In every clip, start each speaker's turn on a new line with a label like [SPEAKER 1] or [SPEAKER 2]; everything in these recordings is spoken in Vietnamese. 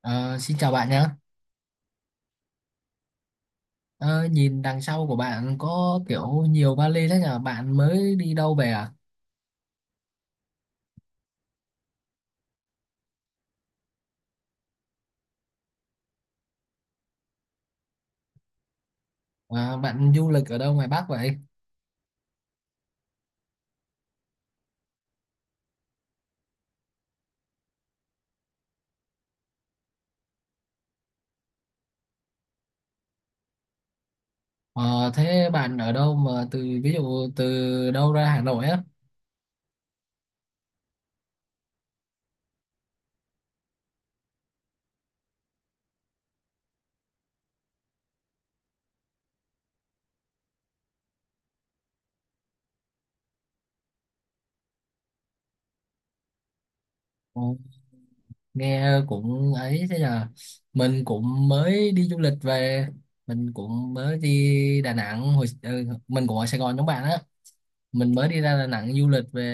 [SPEAKER 1] Ờ, Xin chào bạn nhé. Ờ, Nhìn đằng sau của bạn có kiểu nhiều vali thế nhờ. Bạn mới đi đâu về à? Ờ, Bạn du lịch ở đâu ngoài Bắc vậy? Ờ, Thế bạn ở đâu mà từ ví dụ từ đâu ra Hà Nội á? Ờ, Nghe cũng ấy thế nhờ. Mình cũng mới đi du lịch về. Mình cũng mới đi Đà Nẵng. Mình cũng ở Sài Gòn giống bạn á. Mình mới đi ra Đà Nẵng du lịch về.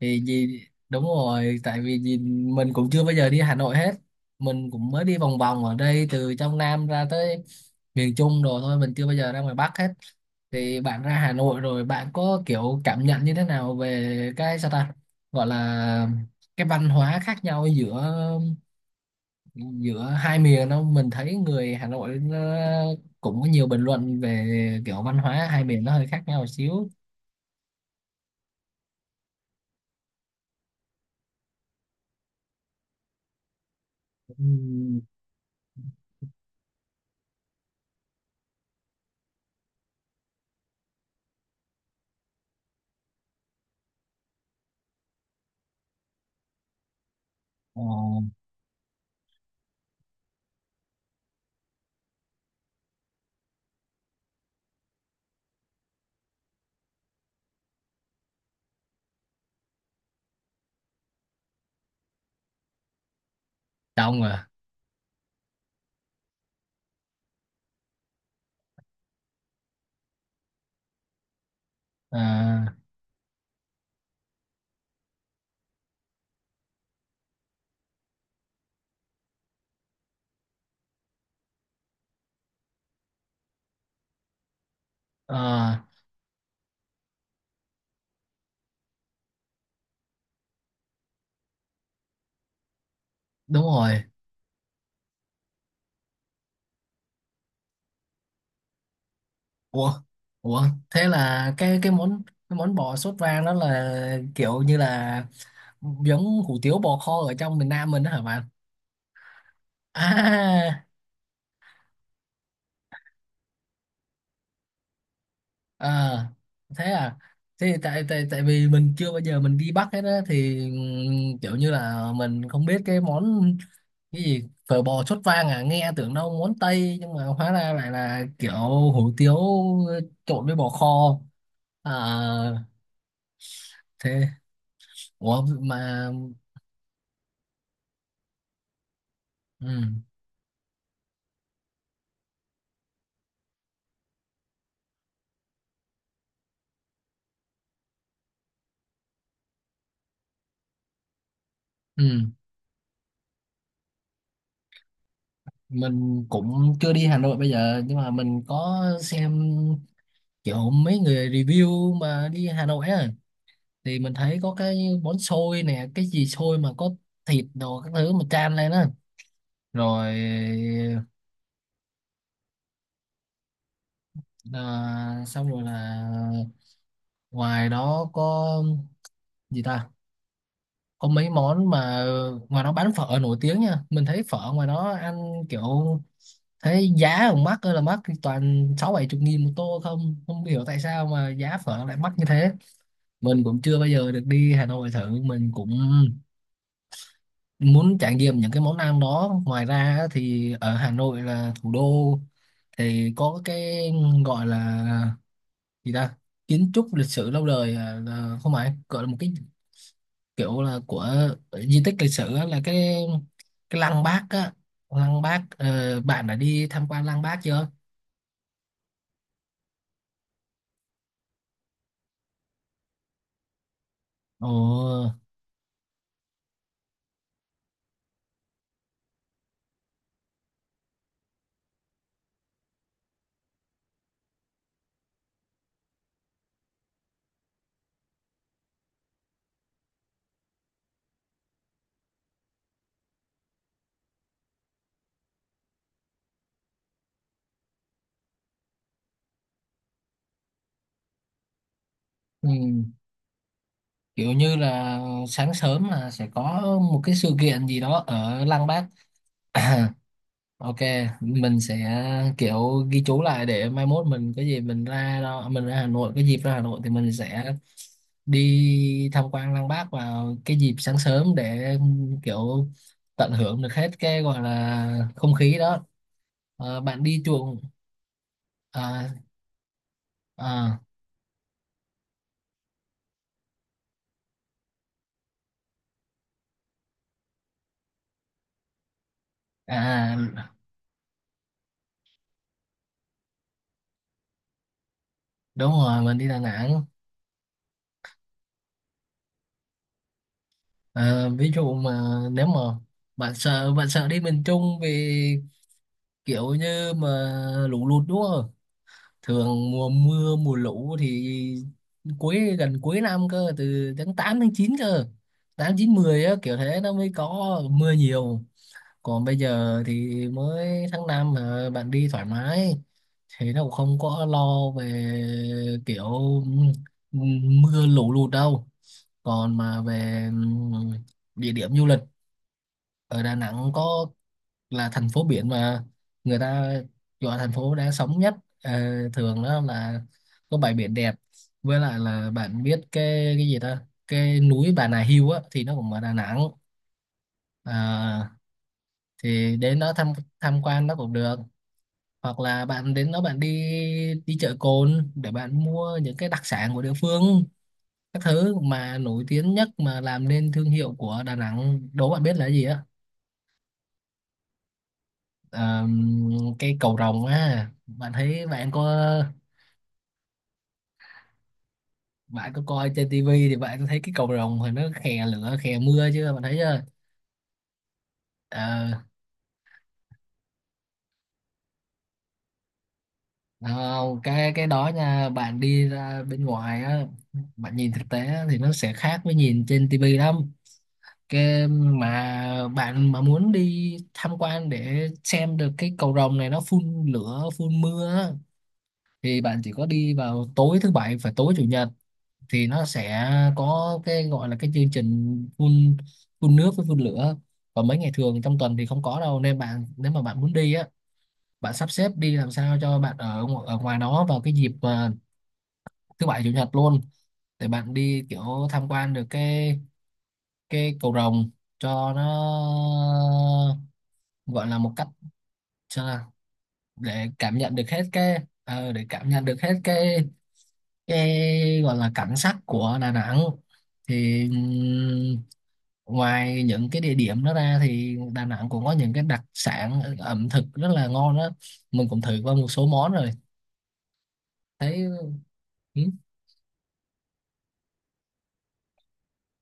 [SPEAKER 1] Thì gì, đúng rồi, tại vì gì mình cũng chưa bao giờ đi Hà Nội hết. Mình cũng mới đi vòng vòng ở đây từ trong Nam ra tới miền Trung rồi thôi. Mình chưa bao giờ ra ngoài Bắc hết. Thì bạn ra Hà Nội rồi bạn có kiểu cảm nhận như thế nào về cái, sao ta gọi là, cái văn hóa khác nhau giữa giữa hai miền đâu? Mình thấy người Hà Nội nó cũng có nhiều bình luận về kiểu văn hóa hai miền nó hơi khác nhau một xíu. Ừm. ờ, Đông à? À. Ờ, đúng rồi. Ủa, ủa, thế là cái món, cái món bò sốt vang đó là kiểu như là giống hủ tiếu bò kho ở trong miền Nam mình đó hả bạn? À. ờ, Thế à. Thế thì tại tại tại vì mình chưa bao giờ mình đi Bắc hết á thì kiểu như là mình không biết cái món, cái gì phở bò sốt vang à, nghe tưởng đâu món Tây nhưng mà hóa ra lại là kiểu hủ tiếu trộn với bò kho. À, thế ủa mà, ừ, ừ, mình cũng chưa đi Hà Nội bây giờ nhưng mà mình có xem kiểu mấy người review mà đi Hà Nội á thì mình thấy có cái bón xôi nè, cái gì xôi mà có thịt đồ các thứ mà chan lên á rồi. À, xong rồi là ngoài đó có gì ta, có mấy món mà ngoài đó bán phở nổi tiếng nha. Mình thấy phở ngoài đó ăn kiểu thế giá ở mắc ơi là mắc, toàn sáu bảy chục nghìn một tô không, không hiểu tại sao mà giá phở lại mắc như thế. Mình cũng chưa bao giờ được đi Hà Nội thử. Mình cũng muốn trải nghiệm những cái món ăn đó. Ngoài ra á, thì ở Hà Nội là thủ đô thì có cái gọi là, gì ta, kiến trúc lịch sử lâu đời, à, là không phải gọi là một cái kiểu là của di tích lịch sử á, là cái lăng Bác á, lăng Bác. Ờ, Bạn đã đi tham quan lăng Bác chưa? Ồ. Ừ. Kiểu như là sáng sớm là sẽ có một cái sự kiện gì đó ở Lăng Bác. Ok, mình sẽ kiểu ghi chú lại để mai mốt mình có gì mình ra đó, mình ra Hà Nội, cái dịp ra Hà Nội thì mình sẽ đi tham quan Lăng Bác vào cái dịp sáng sớm để kiểu tận hưởng được hết cái gọi là không khí đó. Bạn đi chuồng à, à, à, à, đúng rồi, mình đi Đà Nẵng. Ờ, Ví dụ mà, nếu mà bạn sợ đi miền Trung vì kiểu như mà lũ lụt đúng không? Thường mùa mưa mùa lũ thì cuối, gần cuối năm cơ, từ tháng 8 tháng 9 cơ. 8, 9, 10 á kiểu thế nó mới có mưa nhiều. Còn bây giờ thì mới tháng 5 mà bạn đi thoải mái thì nó cũng không có lo về kiểu mưa lũ lụt đâu. Còn mà về địa điểm du lịch ở Đà Nẵng có, là thành phố biển mà người ta gọi thành phố đáng sống nhất. Ờ, thường đó là có bãi biển đẹp, với lại là bạn biết cái gì ta, cái núi Bà Nà Hills á thì nó cũng ở Đà Nẵng. À, thì đến đó tham tham quan nó cũng được, hoặc là bạn đến đó bạn đi, đi chợ Cồn để bạn mua những cái đặc sản của địa phương các thứ mà nổi tiếng nhất mà làm nên thương hiệu của Đà Nẵng. Đố bạn biết là cái gì á? Ờ, cái cầu rồng á, bạn thấy bạn có, bạn có coi trên tivi thì bạn có thấy cái cầu rồng thì nó khè lửa khè mưa chưa? Bạn thấy chưa? ờ Không, cái đó nha, bạn đi ra bên ngoài á, bạn nhìn thực tế á, thì nó sẽ khác với nhìn trên tivi lắm. Cái mà bạn mà muốn đi tham quan để xem được cái cầu rồng này nó phun lửa phun mưa á, thì bạn chỉ có đi vào tối thứ bảy và tối chủ nhật thì nó sẽ có cái gọi là cái chương trình phun phun nước với phun lửa. Còn mấy ngày thường trong tuần thì không có đâu, nên bạn, nếu mà bạn muốn đi á, bạn sắp xếp đi làm sao cho bạn ở ở ngoài đó vào cái dịp mà thứ bảy chủ nhật luôn để bạn đi kiểu tham quan được cái cầu rồng cho nó gọi là một cách, sao nào? Để cảm nhận được hết cái gọi là cảnh sắc của Đà Nẵng. Thì ngoài những cái địa điểm đó ra thì Đà Nẵng cũng có những cái đặc sản ẩm thực rất là ngon đó. Mình cũng thử qua một số món rồi, thấy ừ,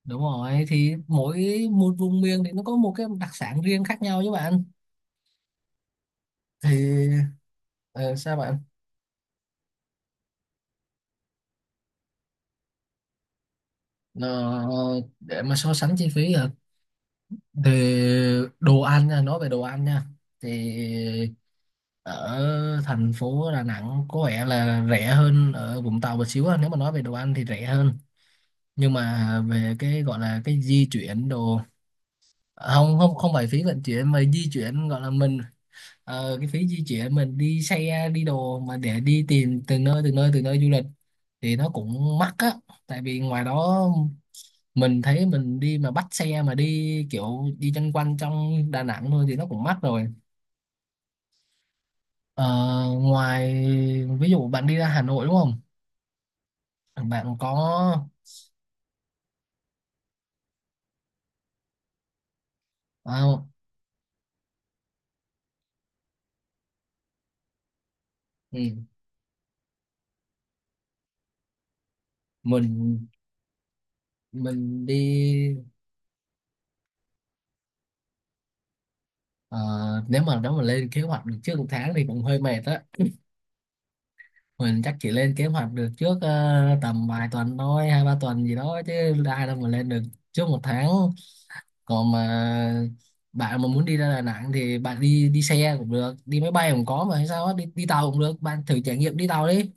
[SPEAKER 1] đúng rồi, thì mỗi một vùng miền thì nó có một cái đặc sản riêng khác nhau chứ bạn. Thì ờ, sao bạn. Ờ, để mà so sánh chi phí à, thì đồ ăn nha, nói về đồ ăn nha, thì ở thành phố Đà Nẵng có vẻ là rẻ hơn ở Vũng Tàu một xíu á. Nếu mà nói về đồ ăn thì rẻ hơn, nhưng mà về cái gọi là cái di chuyển đồ à, không không không phải phí vận chuyển mà di chuyển gọi là mình. Cái phí di chuyển mình đi xe đi đồ mà để đi tìm từ nơi du lịch thì nó cũng mắc á. Tại vì ngoài đó mình thấy mình đi mà bắt xe mà đi kiểu đi chân quanh trong Đà Nẵng thôi thì nó cũng mắc rồi. Ờ, Ngoài, ví dụ bạn đi ra Hà Nội đúng không? Bạn có à, ừ. mình mình đi. Ờ, nếu mà lên kế hoạch được trước một tháng thì cũng hơi mệt á. Mình chắc chỉ lên kế hoạch được trước tầm vài tuần thôi, 2-3 tuần gì đó chứ ai đâu mà lên được trước một tháng. Còn mà bạn mà muốn đi ra Đà Nẵng thì bạn đi, đi xe cũng được, đi máy bay cũng có mà, hay sao á, đi, đi tàu cũng được. Bạn thử trải nghiệm đi tàu đi,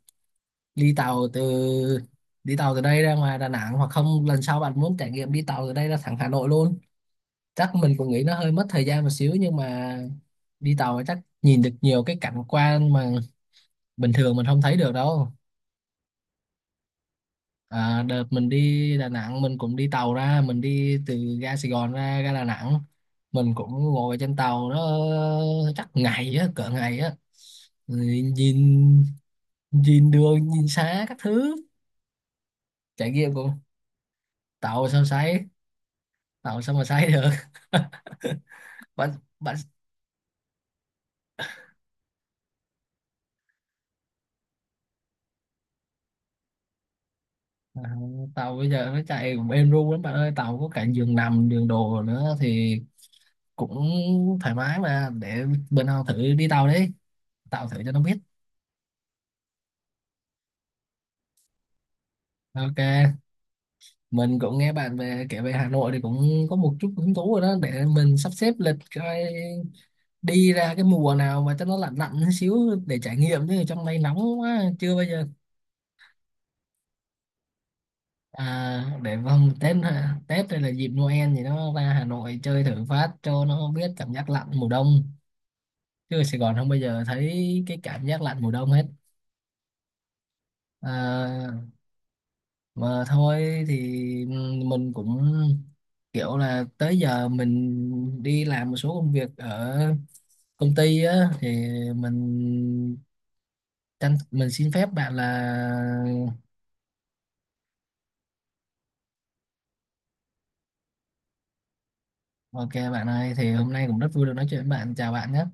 [SPEAKER 1] đi tàu từ đi tàu từ đây ra ngoài Đà Nẵng, hoặc không lần sau bạn muốn trải nghiệm đi tàu từ đây ra thẳng Hà Nội luôn. Chắc mình cũng nghĩ nó hơi mất thời gian một xíu nhưng mà đi tàu thì chắc nhìn được nhiều cái cảnh quan mà bình thường mình không thấy được đâu. À, đợt mình đi Đà Nẵng mình cũng đi tàu ra, mình đi từ ga Sài Gòn ra ga Đà Nẵng, mình cũng ngồi trên tàu nó chắc ngày á, cỡ ngày á. Rồi, nhìn nhìn đường nhìn xa các thứ. Trải nghiệm cũng, tàu sao sấy, tàu sao mà sấy được. Bạn, bạn. À, tàu bây giờ nó chạy cũng êm ru lắm bạn ơi, tàu có cả giường nằm giường đồ nữa thì cũng thoải mái mà. Để bữa nào thử đi tàu, đi tàu thử cho nó biết. Ok, mình cũng nghe bạn về kể về Hà Nội thì cũng có một chút hứng thú rồi đó, để mình sắp xếp lịch coi đi ra cái mùa nào mà cho nó lạnh lạnh xíu để trải nghiệm, chứ trong đây nóng quá chưa bây giờ. À, để vòng Tết hả? Tết đây là dịp Noel thì nó ra Hà Nội chơi thử phát cho nó biết cảm giác lạnh mùa đông. Chứ ở Sài Gòn không bao giờ thấy cái cảm giác lạnh mùa đông hết. À, mà thôi thì mình cũng kiểu là tới giờ mình đi làm một số công việc ở công ty á thì mình mình xin phép bạn là ok bạn ơi thì hôm nay cũng rất vui được nói chuyện với bạn, chào bạn nhé.